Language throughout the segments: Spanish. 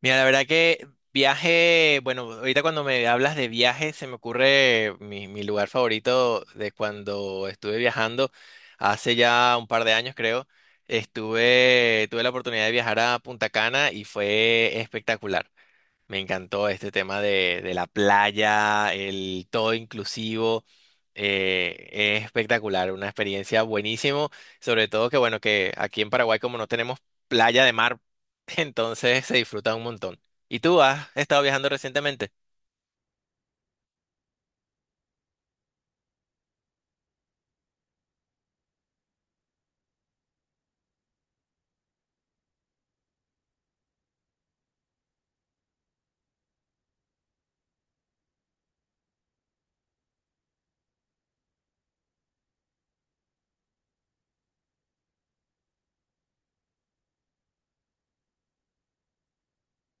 Mira, la verdad que viaje, bueno, ahorita cuando me hablas de viaje se me ocurre mi lugar favorito de cuando estuve viajando hace ya un par de años creo. Tuve la oportunidad de viajar a Punta Cana y fue espectacular. Me encantó este tema de la playa, el todo inclusivo. eh, es espectacular, una experiencia buenísimo. Sobre todo que, bueno, que aquí en Paraguay, como no tenemos playa de mar, entonces se disfruta un montón. ¿Y tú has estado viajando recientemente?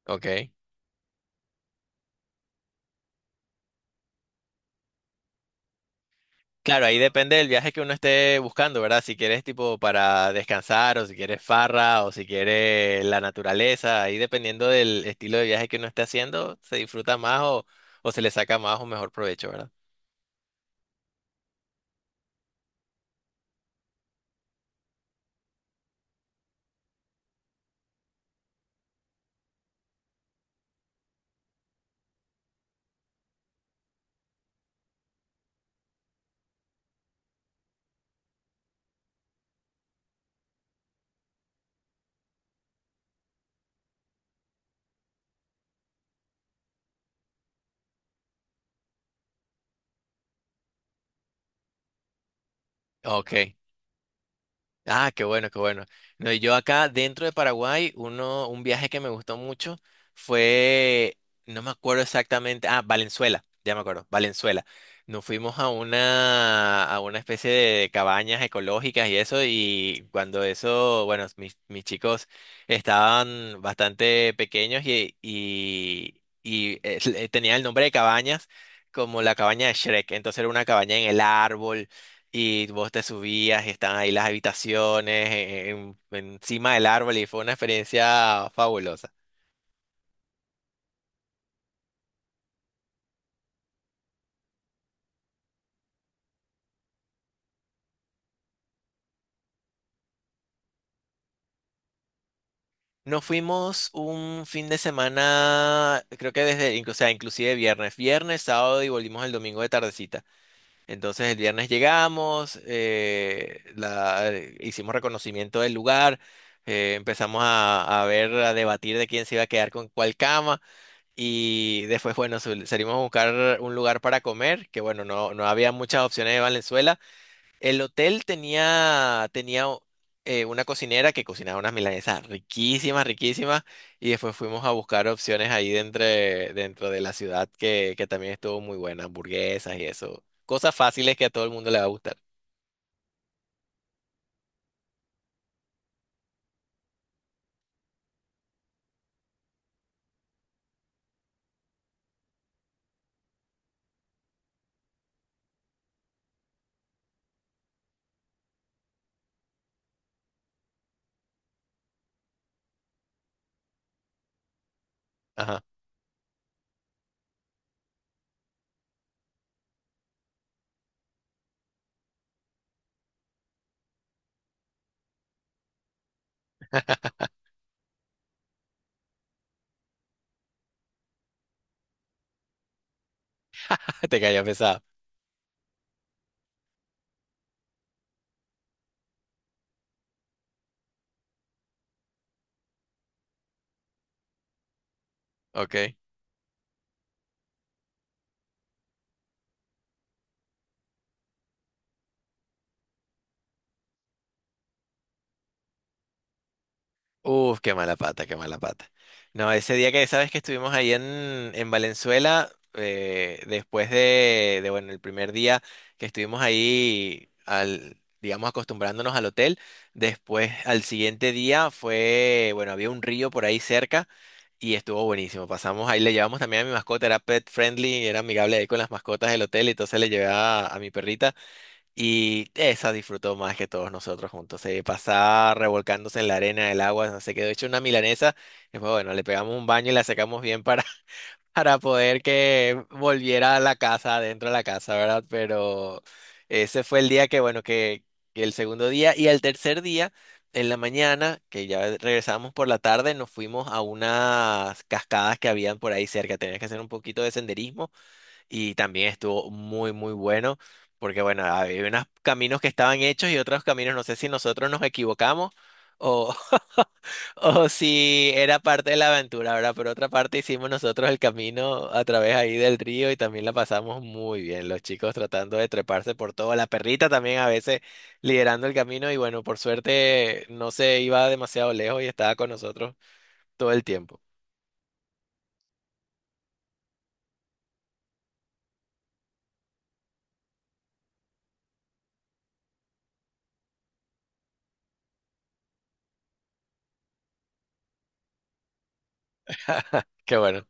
Ok. Claro, ahí depende del viaje que uno esté buscando, ¿verdad? Si quieres tipo para descansar o si quieres farra o si quieres la naturaleza, ahí dependiendo del estilo de viaje que uno esté haciendo, se disfruta más o se le saca más o mejor provecho, ¿verdad? Ok. Ah, qué bueno, qué bueno. No, y yo acá dentro de Paraguay, uno, un viaje que me gustó mucho fue, no me acuerdo exactamente, ah, Valenzuela, ya me acuerdo, Valenzuela. Nos fuimos a una especie de cabañas ecológicas y eso, y cuando eso, bueno, mis chicos estaban bastante pequeños y tenían el nombre de cabañas como la cabaña de Shrek, entonces era una cabaña en el árbol y vos te subías y estaban ahí las habitaciones encima del árbol y fue una experiencia fabulosa. Nos fuimos un fin de semana, creo que desde, o sea, inclusive viernes, viernes, sábado y volvimos el domingo de tardecita. Entonces el viernes llegamos, hicimos reconocimiento del lugar, empezamos a ver, a debatir de quién se iba a quedar con cuál cama. Y después, bueno, salimos a buscar un lugar para comer, que bueno, no había muchas opciones de Valenzuela. El hotel tenía una cocinera que cocinaba unas milanesas riquísimas, riquísimas. Y después fuimos a buscar opciones ahí dentro de la ciudad que también estuvo muy buena, hamburguesas y eso. Cosas fáciles que a todo el mundo le va a gustar. Ajá, te cayó pesado. Ok. Uf, qué mala pata, qué mala pata. No, ese día que sabes que estuvimos ahí en Valenzuela, después de, bueno, el primer día que estuvimos ahí, al, digamos, acostumbrándonos al hotel, después al siguiente día fue, bueno, había un río por ahí cerca y estuvo buenísimo. Pasamos ahí, le llevamos también a mi mascota, era pet friendly, era amigable ahí con las mascotas del hotel, entonces le llevé a mi perrita y esa disfrutó más que todos nosotros juntos. Se pasaba revolcándose en la arena, en el agua, se quedó hecho una milanesa. Después bueno, le pegamos un baño y la sacamos bien para, para poder que volviera a la casa, adentro de la casa, ¿verdad? Pero ese fue el día que el segundo día y el tercer día, en la mañana, que ya regresábamos por la tarde, nos fuimos a unas cascadas que habían por ahí cerca. Tenías que hacer un poquito de senderismo y también estuvo muy, muy bueno, porque bueno, había unos caminos que estaban hechos y otros caminos, no sé si nosotros nos equivocamos o, o si era parte de la aventura, ¿verdad? Por otra parte hicimos nosotros el camino a través ahí del río y también la pasamos muy bien, los chicos tratando de treparse por todo, la perrita también a veces liderando el camino y bueno, por suerte no se iba demasiado lejos y estaba con nosotros todo el tiempo. Qué bueno.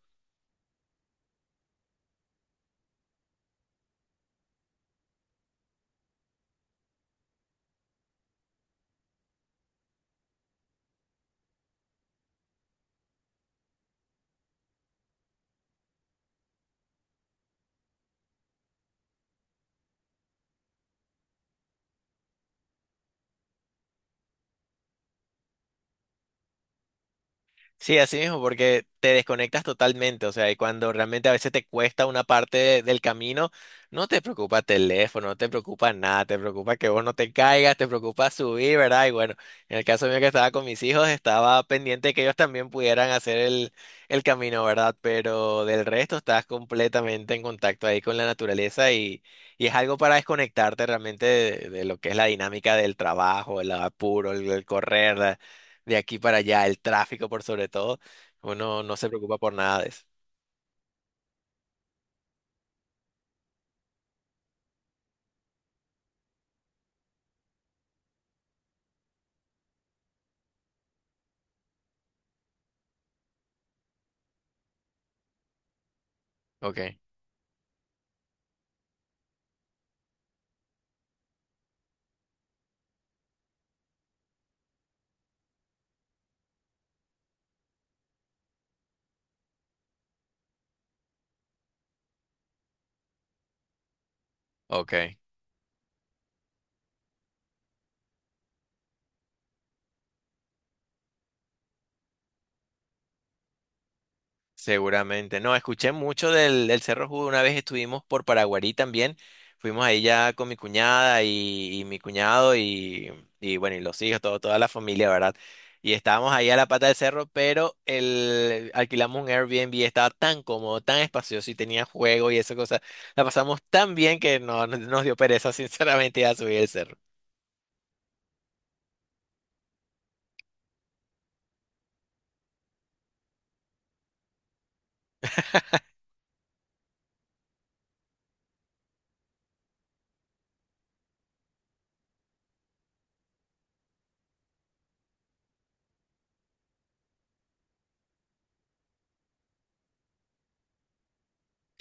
Sí, así mismo, porque te desconectas totalmente, o sea, y cuando realmente a veces te cuesta una parte del camino, no te preocupa teléfono, no te preocupa nada, te preocupa que vos no te caigas, te preocupa subir, ¿verdad? Y bueno, en el caso mío que estaba con mis hijos, estaba pendiente que ellos también pudieran hacer el camino, ¿verdad? Pero del resto estás completamente en contacto ahí con la naturaleza y es algo para desconectarte realmente de lo que es la dinámica del trabajo, el apuro, el correr de aquí para allá, el tráfico por sobre todo, uno no se preocupa por nada de eso. Ok, ok, seguramente. No, escuché mucho del Cerro Judo, una vez estuvimos por Paraguarí también, fuimos ahí ya con mi cuñada y mi cuñado y bueno, y los hijos, todo, toda la familia, ¿verdad? Y estábamos ahí a la pata del cerro, pero el, alquilamos un Airbnb, estaba tan cómodo, tan espacioso y tenía juego y esa cosa. La pasamos tan bien que nos dio pereza, sinceramente, a subir el cerro.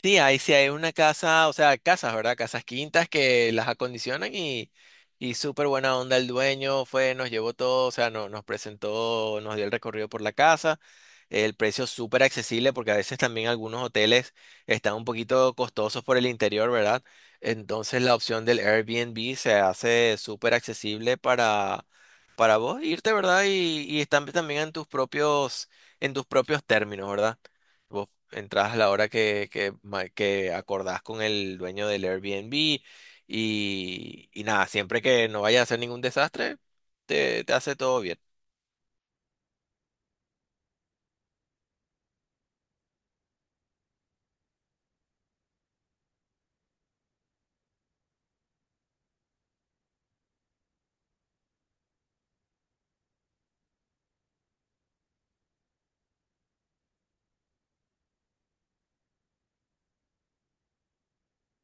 Sí, ahí sí hay una casa, o sea, casas, ¿verdad? Casas quintas que las acondicionan y súper buena onda el dueño fue, nos llevó todo, o sea, no, nos presentó, nos dio el recorrido por la casa, el precio súper accesible porque a veces también algunos hoteles están un poquito costosos por el interior, ¿verdad? Entonces la opción del Airbnb se hace súper accesible para vos irte, ¿verdad? Y están también en tus propios términos, ¿verdad? Vos entrás a la hora que acordás con el dueño del Airbnb y nada, siempre que no vaya a hacer ningún desastre, te hace todo bien.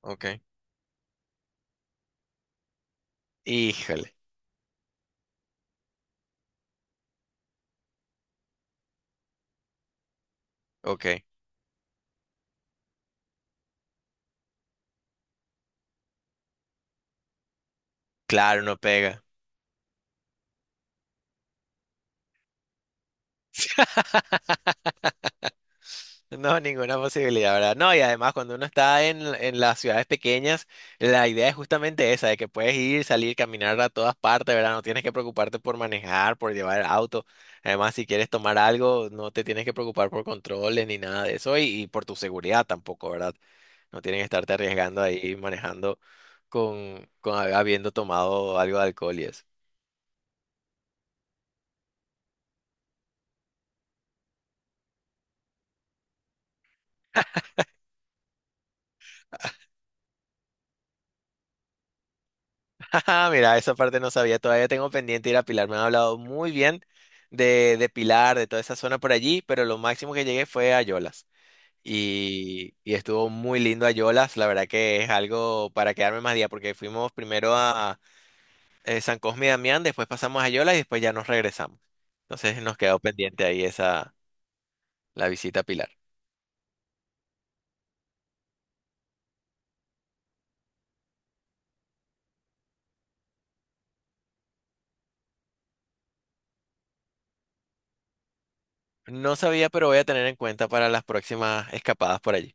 Ok. Híjole, ok. Claro, no pega. No, ninguna posibilidad, ¿verdad? No, y además cuando uno está en las ciudades pequeñas, la idea es justamente esa, de que puedes ir, salir, caminar a todas partes, ¿verdad? No tienes que preocuparte por manejar, por llevar auto. Además, si quieres tomar algo, no te tienes que preocupar por controles ni nada de eso y por tu seguridad tampoco, ¿verdad? No tienes que estarte arriesgando ahí manejando con habiendo tomado algo de alcohol y eso. Ajá, mira, esa parte no sabía, todavía tengo pendiente ir a Pilar, me han hablado muy bien de Pilar, de toda esa zona por allí, pero lo máximo que llegué fue a Yolas y estuvo muy lindo a Yolas, la verdad que es algo para quedarme más día porque fuimos primero a San Cosme y Damián, después pasamos a Yolas y después ya nos regresamos. Entonces nos quedó pendiente ahí esa, la visita a Pilar. No sabía, pero voy a tener en cuenta para las próximas escapadas por allí.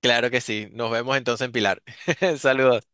Claro que sí, nos vemos entonces en Pilar. Saludos.